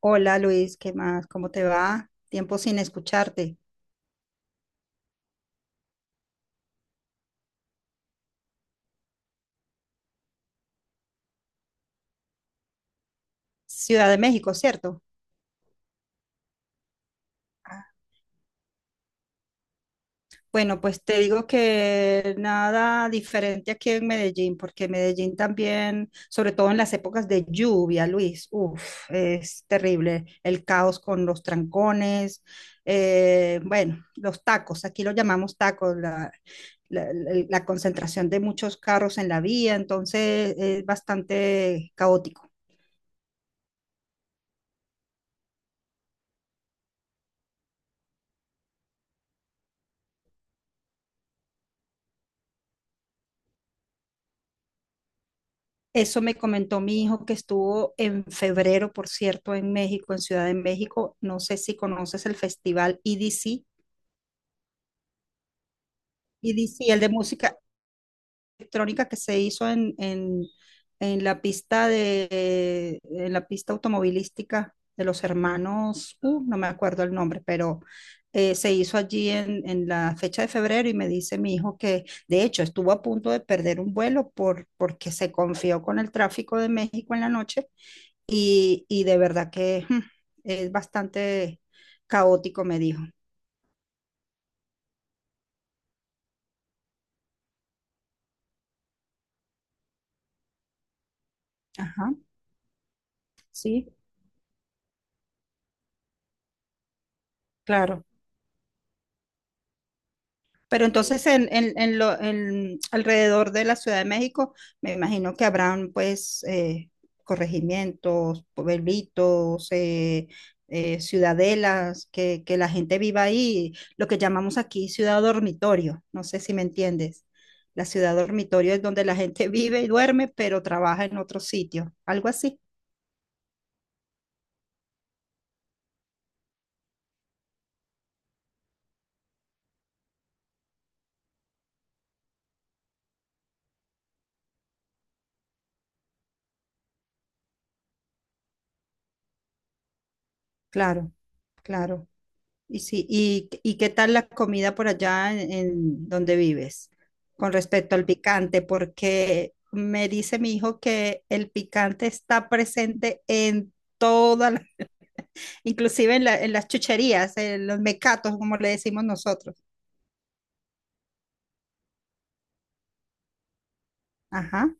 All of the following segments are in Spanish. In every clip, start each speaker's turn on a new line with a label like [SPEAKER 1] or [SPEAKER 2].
[SPEAKER 1] Hola Luis, ¿qué más? ¿Cómo te va? Tiempo sin escucharte. Ciudad de México, ¿cierto? Ah. Bueno, pues te digo que nada diferente aquí en Medellín, porque Medellín también, sobre todo en las épocas de lluvia, Luis, uff, es terrible. El caos con los trancones, bueno, los tacos, aquí lo llamamos tacos, la concentración de muchos carros en la vía, entonces es bastante caótico. Eso me comentó mi hijo que estuvo en febrero, por cierto, en México, en Ciudad de México. No sé si conoces el festival EDC, EDC, el de música electrónica que se hizo en la pista de, en la pista automovilística de los hermanos, no me acuerdo el nombre, pero se hizo allí en la fecha de febrero y me dice mi hijo que de hecho estuvo a punto de perder un vuelo porque se confió con el tráfico de México en la noche y de verdad que es bastante caótico, me dijo. Ajá, sí, claro. Pero entonces en alrededor de la Ciudad de México, me imagino que habrán pues corregimientos, pueblitos, ciudadelas, que la gente viva ahí, lo que llamamos aquí ciudad dormitorio, no sé si me entiendes. La ciudad dormitorio es donde la gente vive y duerme, pero trabaja en otro sitio, algo así. Claro, claro. Y sí, y qué tal la comida por allá en donde vives con respecto al picante? Porque me dice mi hijo que el picante está presente en todas las, inclusive en, la- en las chucherías, en los mecatos, como le decimos nosotros. Ajá,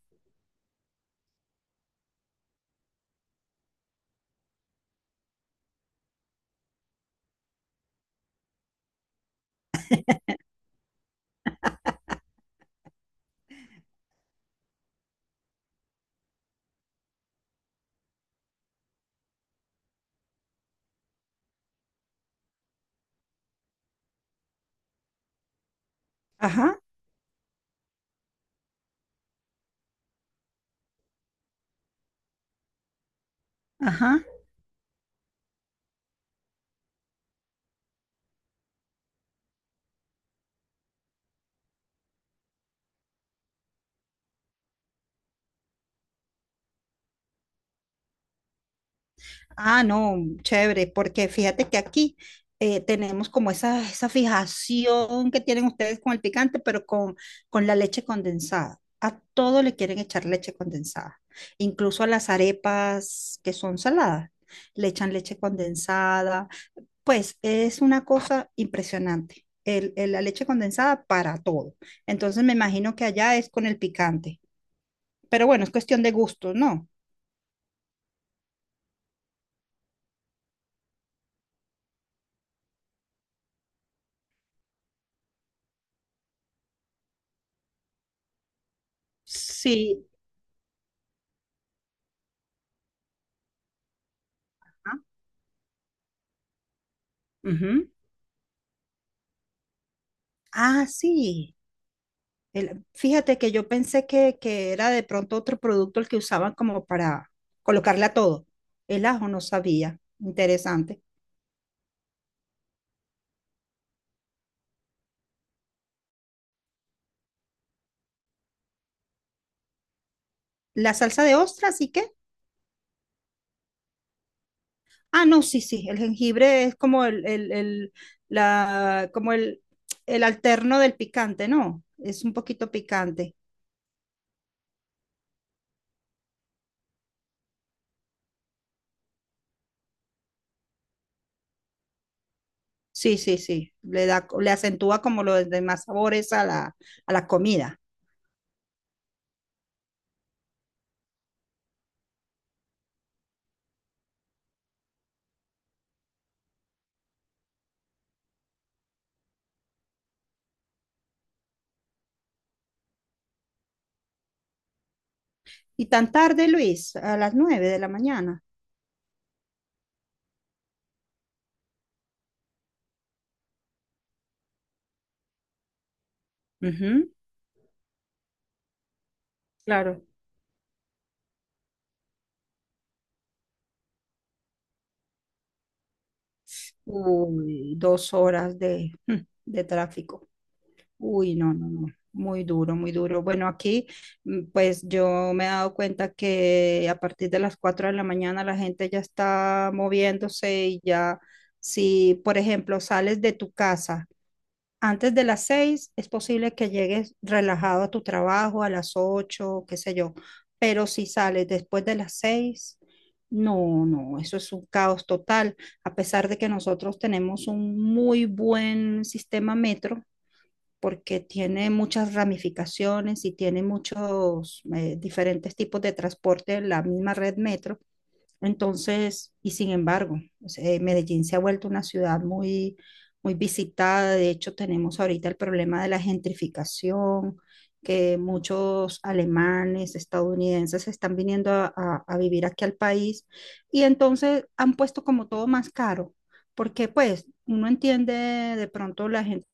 [SPEAKER 1] ajá, ajá. Ah, no, chévere, porque fíjate que aquí tenemos como esa fijación que tienen ustedes con el picante, pero con la leche condensada. A todo le quieren echar leche condensada, incluso a las arepas que son saladas, le echan leche condensada. Pues es una cosa impresionante, el- la leche condensada para todo. Entonces me imagino que allá es con el picante, pero bueno, es cuestión de gusto, ¿no? Sí. Ah, ujú. Ah, sí. El- fíjate que yo pensé que era de pronto otro producto el que usaban como para colocarle a todo. El ajo no sabía. Interesante. La salsa de ostras, ¿y qué? Ah, no, sí, sí. El jengibre es como el la, como el alterno del picante, ¿no? Es un poquito picante. Sí, sí, sí. Le da, le acentúa como los demás sabores a la comida. Y tan tarde, Luis, a las nueve de la mañana. Ujú. Claro. Uy, dos horas de, de tráfico. Uy, no, no, no. Muy duro, muy duro. Bueno, aquí pues yo me he dado cuenta que a partir de las 4 de la mañana la gente ya está moviéndose y ya, si por ejemplo sales de tu casa antes de las seis es posible que llegues relajado a tu trabajo a las ocho, qué sé yo, pero si sales después de las seis, no, no, eso es un caos total, a pesar de que nosotros tenemos un muy buen sistema metro porque tiene muchas ramificaciones y tiene muchos diferentes tipos de transporte en la misma red metro, entonces, y sin embargo, o sea, Medellín se ha vuelto una ciudad muy, muy visitada. De hecho, tenemos ahorita el problema de la gentrificación, que muchos alemanes, estadounidenses están viniendo a vivir aquí al país y entonces han puesto como todo más caro, porque pues uno entiende de pronto la gente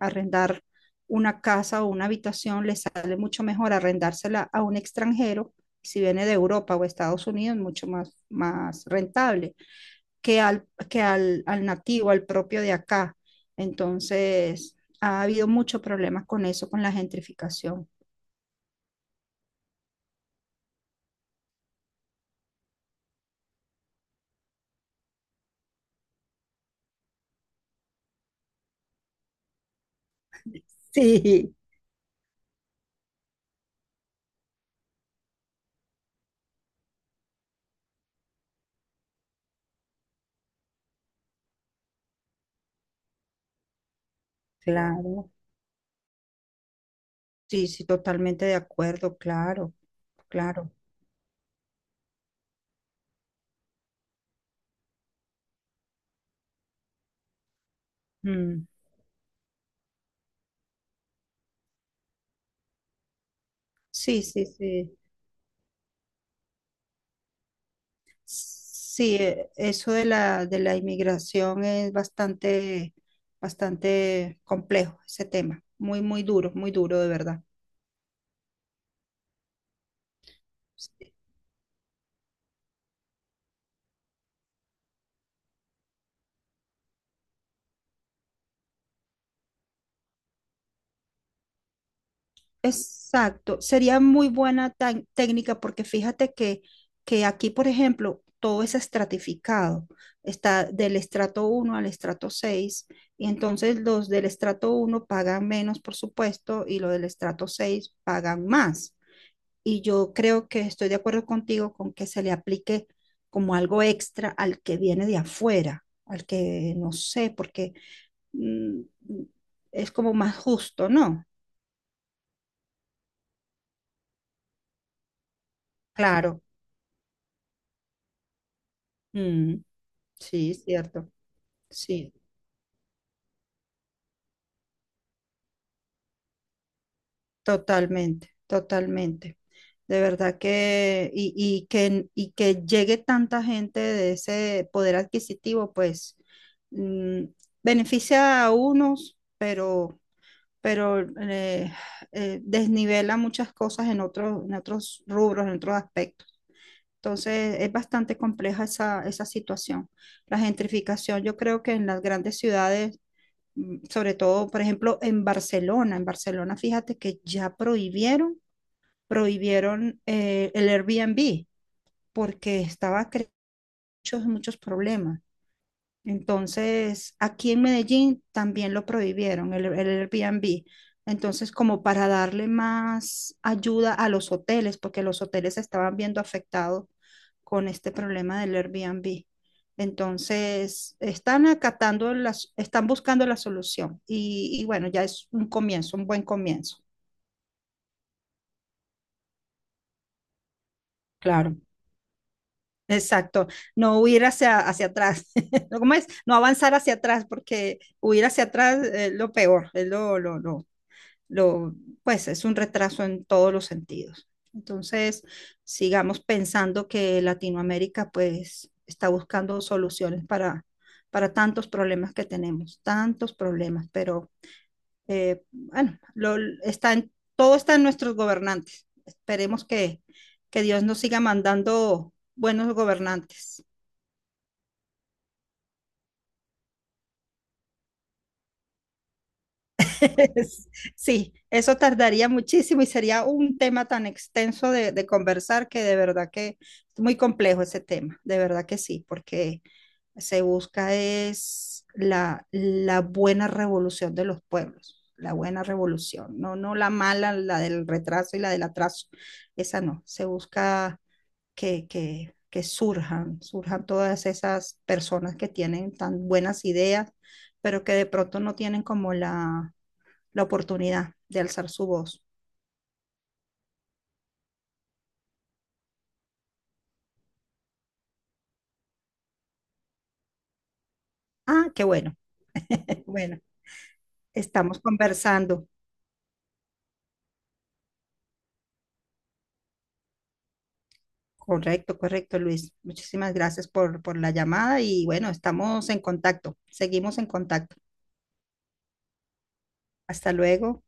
[SPEAKER 1] arrendar una casa o una habitación, le sale mucho mejor arrendársela a un extranjero, si viene de Europa o Estados Unidos, mucho más, más rentable al nativo, al propio de acá. Entonces, ha habido muchos problemas con eso, con la gentrificación. Sí, claro, sí, sí, totalmente de acuerdo, claro, claro. Mm. Sí, sí, sí. Sí, eso de la inmigración es bastante, bastante complejo, ese tema. Muy, muy duro de verdad. Sí, exacto. Sería muy buena tan- técnica porque fíjate que aquí, por ejemplo, todo es estratificado. Está del estrato uno al estrato 6 y entonces los del estrato uno pagan menos, por supuesto, y los del estrato 6 pagan más. Y yo creo que estoy de acuerdo contigo con que se le aplique como algo extra al que viene de afuera, al que no sé, porque mm, es como más justo, ¿no? Claro. Mm, sí, cierto. Sí, totalmente, totalmente. De verdad que, y que llegue tanta gente de ese poder adquisitivo, pues mm, beneficia a unos, pero desnivela muchas cosas en otros rubros, en otros aspectos. Entonces es bastante compleja esa, esa situación. La gentrificación, yo creo que en las grandes ciudades, sobre todo, por ejemplo, en Barcelona, fíjate que ya prohibieron, prohibieron el Airbnb porque estaba creando muchos, muchos problemas. Entonces, aquí en Medellín también lo prohibieron, el Airbnb. Entonces, como para darle más ayuda a los hoteles, porque los hoteles se estaban viendo afectados con este problema del Airbnb. Entonces, están acatando las, están buscando la solución. Y bueno, ya es un comienzo, un buen comienzo. Claro. Exacto, no huir hacia, hacia atrás, ¿no? ¿Cómo es? No avanzar hacia atrás, porque huir hacia atrás es lo peor, es lo, pues es un retraso en todos los sentidos. Entonces, sigamos pensando que Latinoamérica pues está buscando soluciones para tantos problemas que tenemos, tantos problemas, pero bueno, lo, está en, todo está en nuestros gobernantes. Esperemos que Dios nos siga mandando buenos gobernantes. Es- sí, eso tardaría muchísimo y sería un tema tan extenso de conversar que de verdad que es muy complejo ese tema, de verdad que sí, porque se busca es la, la buena revolución de los pueblos, la buena revolución, no, no la mala, la del retraso y la del atraso, esa no, se busca que surjan, surjan todas esas personas que tienen tan buenas ideas, pero que de pronto no tienen como la la oportunidad de alzar su voz. Ah, qué bueno. Bueno, estamos conversando. Correcto, correcto, Luis. Muchísimas gracias por la llamada y bueno, estamos en contacto. Seguimos en contacto. Hasta luego.